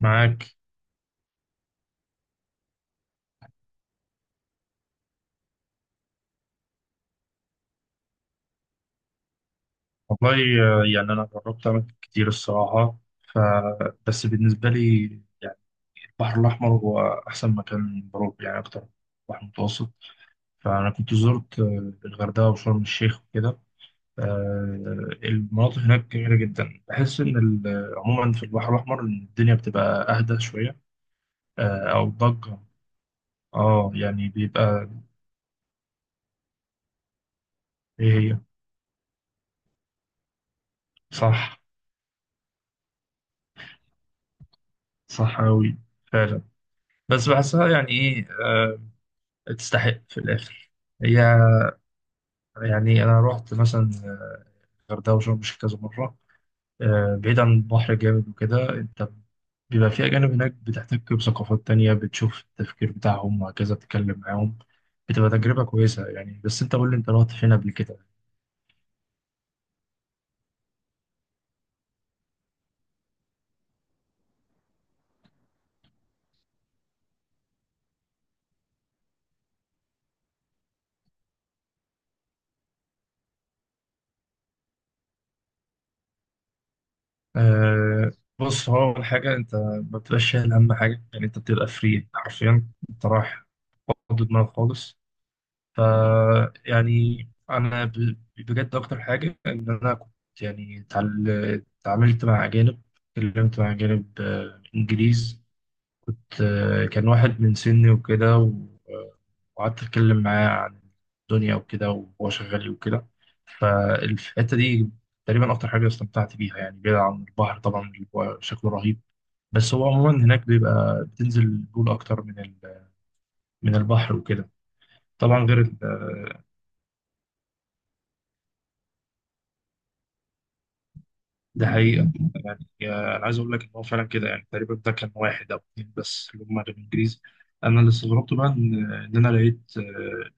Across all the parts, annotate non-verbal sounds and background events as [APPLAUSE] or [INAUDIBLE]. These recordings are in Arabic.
معاك. والله. يعني أنا جربت أماكن كتير الصراحة بس بالنسبة لي، يعني البحر الأحمر هو أحسن مكان بروح يعني أكتر. بحر متوسط. فأنا كنت زرت الغردقة وشرم الشيخ وكده. آه، المناطق هناك جميلة جدا، بحس إن عموما في البحر الأحمر إن الدنيا بتبقى أهدى شوية أو ضجة. أه يعني بيبقى. إيه هي؟ صح. صح أوي. فعلا. بس بحسها يعني إيه، تستحق في الاخر. هي يعني انا رحت مثلا الغردقه وشرم الشيخ كذا مره. بعيد عن البحر جامد وكده، انت بيبقى في اجانب هناك، بتحتك بثقافات تانية، بتشوف التفكير بتاعهم وهكذا، بتتكلم معاهم. بتبقى تجربه كويسه يعني. بس انت قول لي، انت رحت فين قبل كده؟ أه بص، هو اول حاجه انت ما بتبقاش شايل هم حاجه يعني، انت بتبقى فري حرفيا، انت رايح فاضي دماغك خالص. ف يعني بجد اكتر حاجه ان انا كنت يعني اتعاملت مع اجانب، اتكلمت مع اجانب انجليز. كان واحد من سني وكده وقعدت اتكلم معاه عن الدنيا وكده، وهو شغال إيه وكده. فالحته دي تقريبا اكتر حاجه استمتعت بيها يعني، بعيد عن البحر طبعا اللي هو شكله رهيب. بس هو عموما هناك بيبقى بتنزل البول اكتر من من البحر وكده. طبعا غير ده حقيقة. عايز اقول لك ان هو فعلا كده، يعني تقريبا ده كان واحد او اثنين بس اللي هم كانوا انجليزي. انا اللي استغربته بقى ان انا لقيت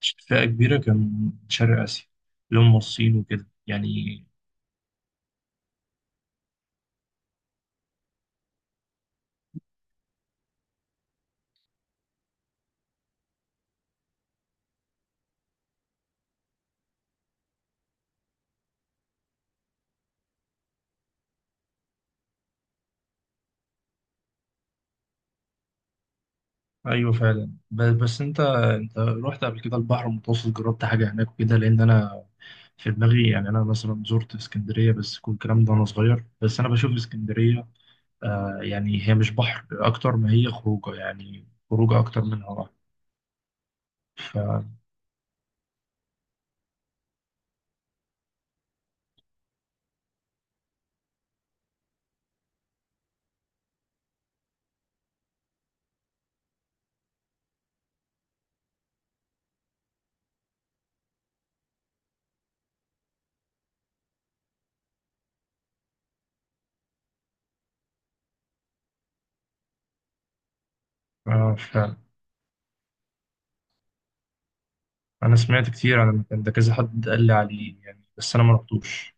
فئه كبيره كان من شرق اسيا اللي هم الصين وكده يعني. ايوه فعلا، بس انت رحت قبل كده البحر المتوسط؟ جربت حاجه هناك وكده؟ لان انا في دماغي، يعني انا مثلا زرت اسكندريه بس كل الكلام ده وانا صغير، بس انا بشوف اسكندريه آه يعني هي مش بحر، اكتر ما هي خروجه، يعني خروجه اكتر منها بحر. ف... فعلا. انا سمعت كتير عن المكان ده، كذا حد قال لي عليه يعني، بس انا ما رحتوش.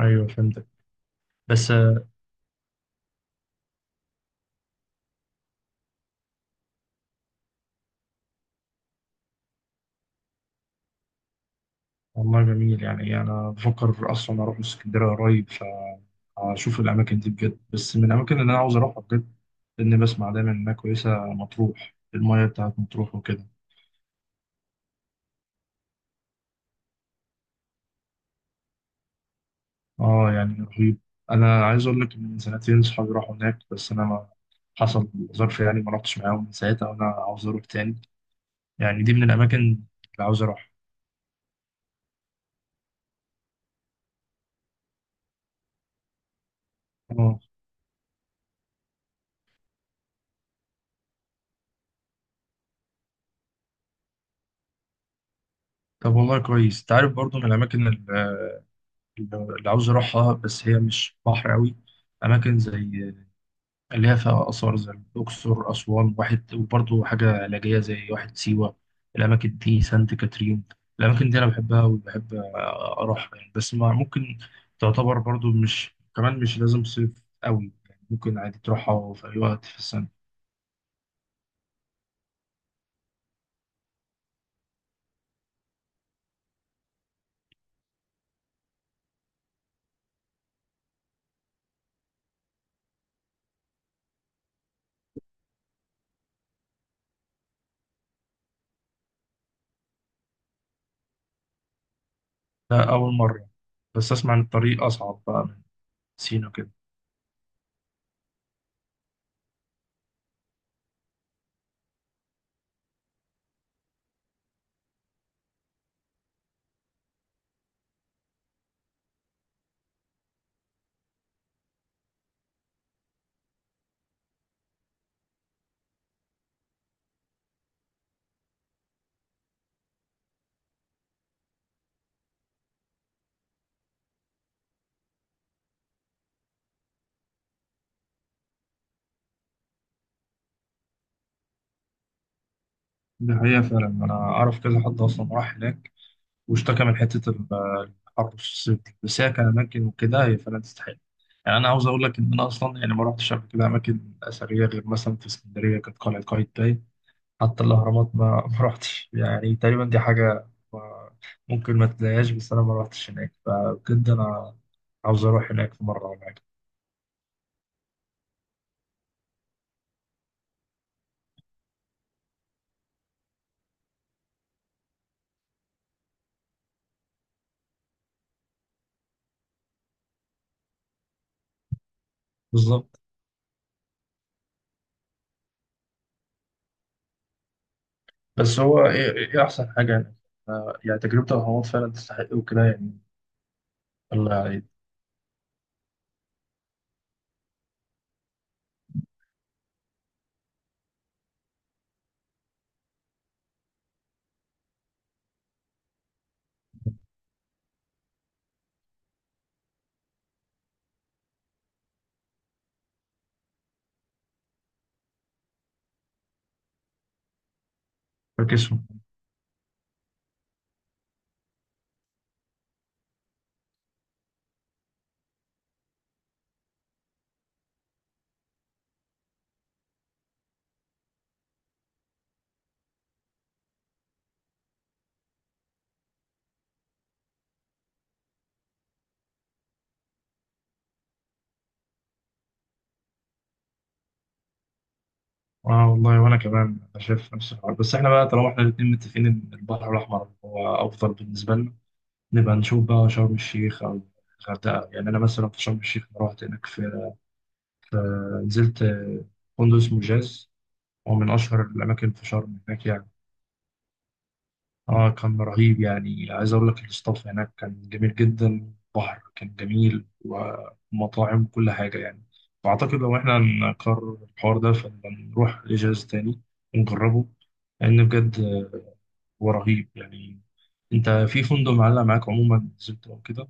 ايوه فهمتك. بس والله جميل، يعني انا بفكر اصلا اروح اسكندريه قريب فاشوف الاماكن دي بجد. بس من الاماكن اللي انا عاوز اروحها بجد، لاني بسمع دايما انها كويسه، مطروح، المايه بتاعت مطروح وكده. اه يعني رهيب. انا عايز اقول لك إن من سنتين صحابي راحوا هناك بس انا ما حصل ظرف يعني، ما رحتش معاهم من ساعتها وانا عاوز اروح تاني. يعني دي من الاماكن اللي عاوز اروحها. آه. طب والله كويس. انت عارف برضو من الاماكن اللي عاوز اروحها، بس هي مش بحر قوي، اماكن زي اللي هي فيها اثار زي الاقصر، اسوان، واحد، وبرضو حاجه علاجيه زي واحد سيوه. الاماكن دي سانت كاترين، الاماكن دي انا بحبها وبحب اروحها يعني. بس ما ممكن، تعتبر برضو مش كمان مش لازم صيف قوي يعني، ممكن عادي تروحها في اي وقت في السنه. ده اول مره. بس اسمع ان الطريق اصعب بقى من سينا كده. دي حقيقة فعلا، أنا أعرف كذا حد أصلا راح هناك واشتكى من حته الحر في الصيف دي. بس هي كاماكن وكده هي فعلا تستحق. يعني انا عاوز اقول لك ان انا اصلا يعني ما رحتش قبل كده اماكن اثريه، غير مثلا في اسكندريه كانت قلعه قايتباي. حتى الاهرامات ما [LAUGHS] ما رحتش يعني، تقريبا دي حاجه ما- ممكن ما تلاقيهاش، بس انا ما رحتش هناك، فبجد انا عاوز اروح هناك في مره ولا حاجه. بالظبط. بس هو ايه، إيه احسن حاجه يعني، يعني تجربه الاهرامات فعلا تستحق وكده يعني. الله يعيد. اه والله، وانا كمان انا شايف نفس الحوار. بس احنا بقى طالما احنا الاتنين متفقين ان البحر الاحمر هو افضل بالنسبه لنا، نبقى نشوف بقى شرم الشيخ او الغردقه. يعني انا مثلا في شرم الشيخ، أنا رحت هناك في في- نزلت فندق اسمه جاز. هو من اشهر الاماكن في شرم هناك يعني. اه كان رهيب يعني. عايز اقول لك الاستاف هناك كان جميل جدا، بحر كان جميل، ومطاعم، كل حاجه يعني. واعتقد لو احنا هنقرر الحوار ده، فنبقى نروح لجهاز تاني ونجربه، لان بجد هو رهيب يعني. انت في فندق معلق معاك، عموما نزلت او كده؟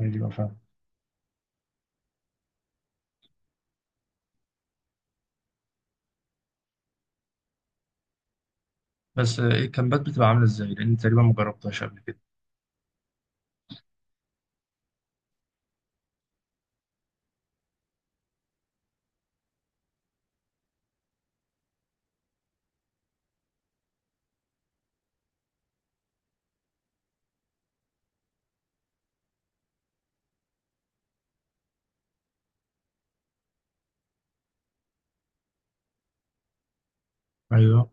ايوه فاهم. بس الكامبات بتبقى عامله ازاي؟ لان تقريبا ما جربتهاش قبل كده. ايوه.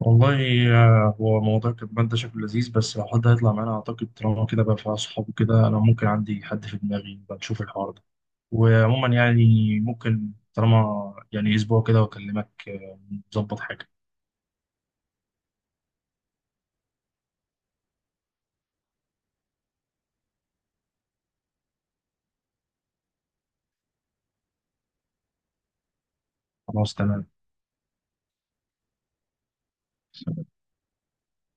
والله هو موضوع الكتمان ده شكله لذيذ، بس لو حد هيطلع معانا أعتقد طالما كده بقى في أصحاب وكده، أنا ممكن عندي حد في دماغي، بنشوف الحوار ده. وعموما يعني، ممكن طالما يعني أسبوع كده وأكلمك، نظبط حاجة. خلاص تمام.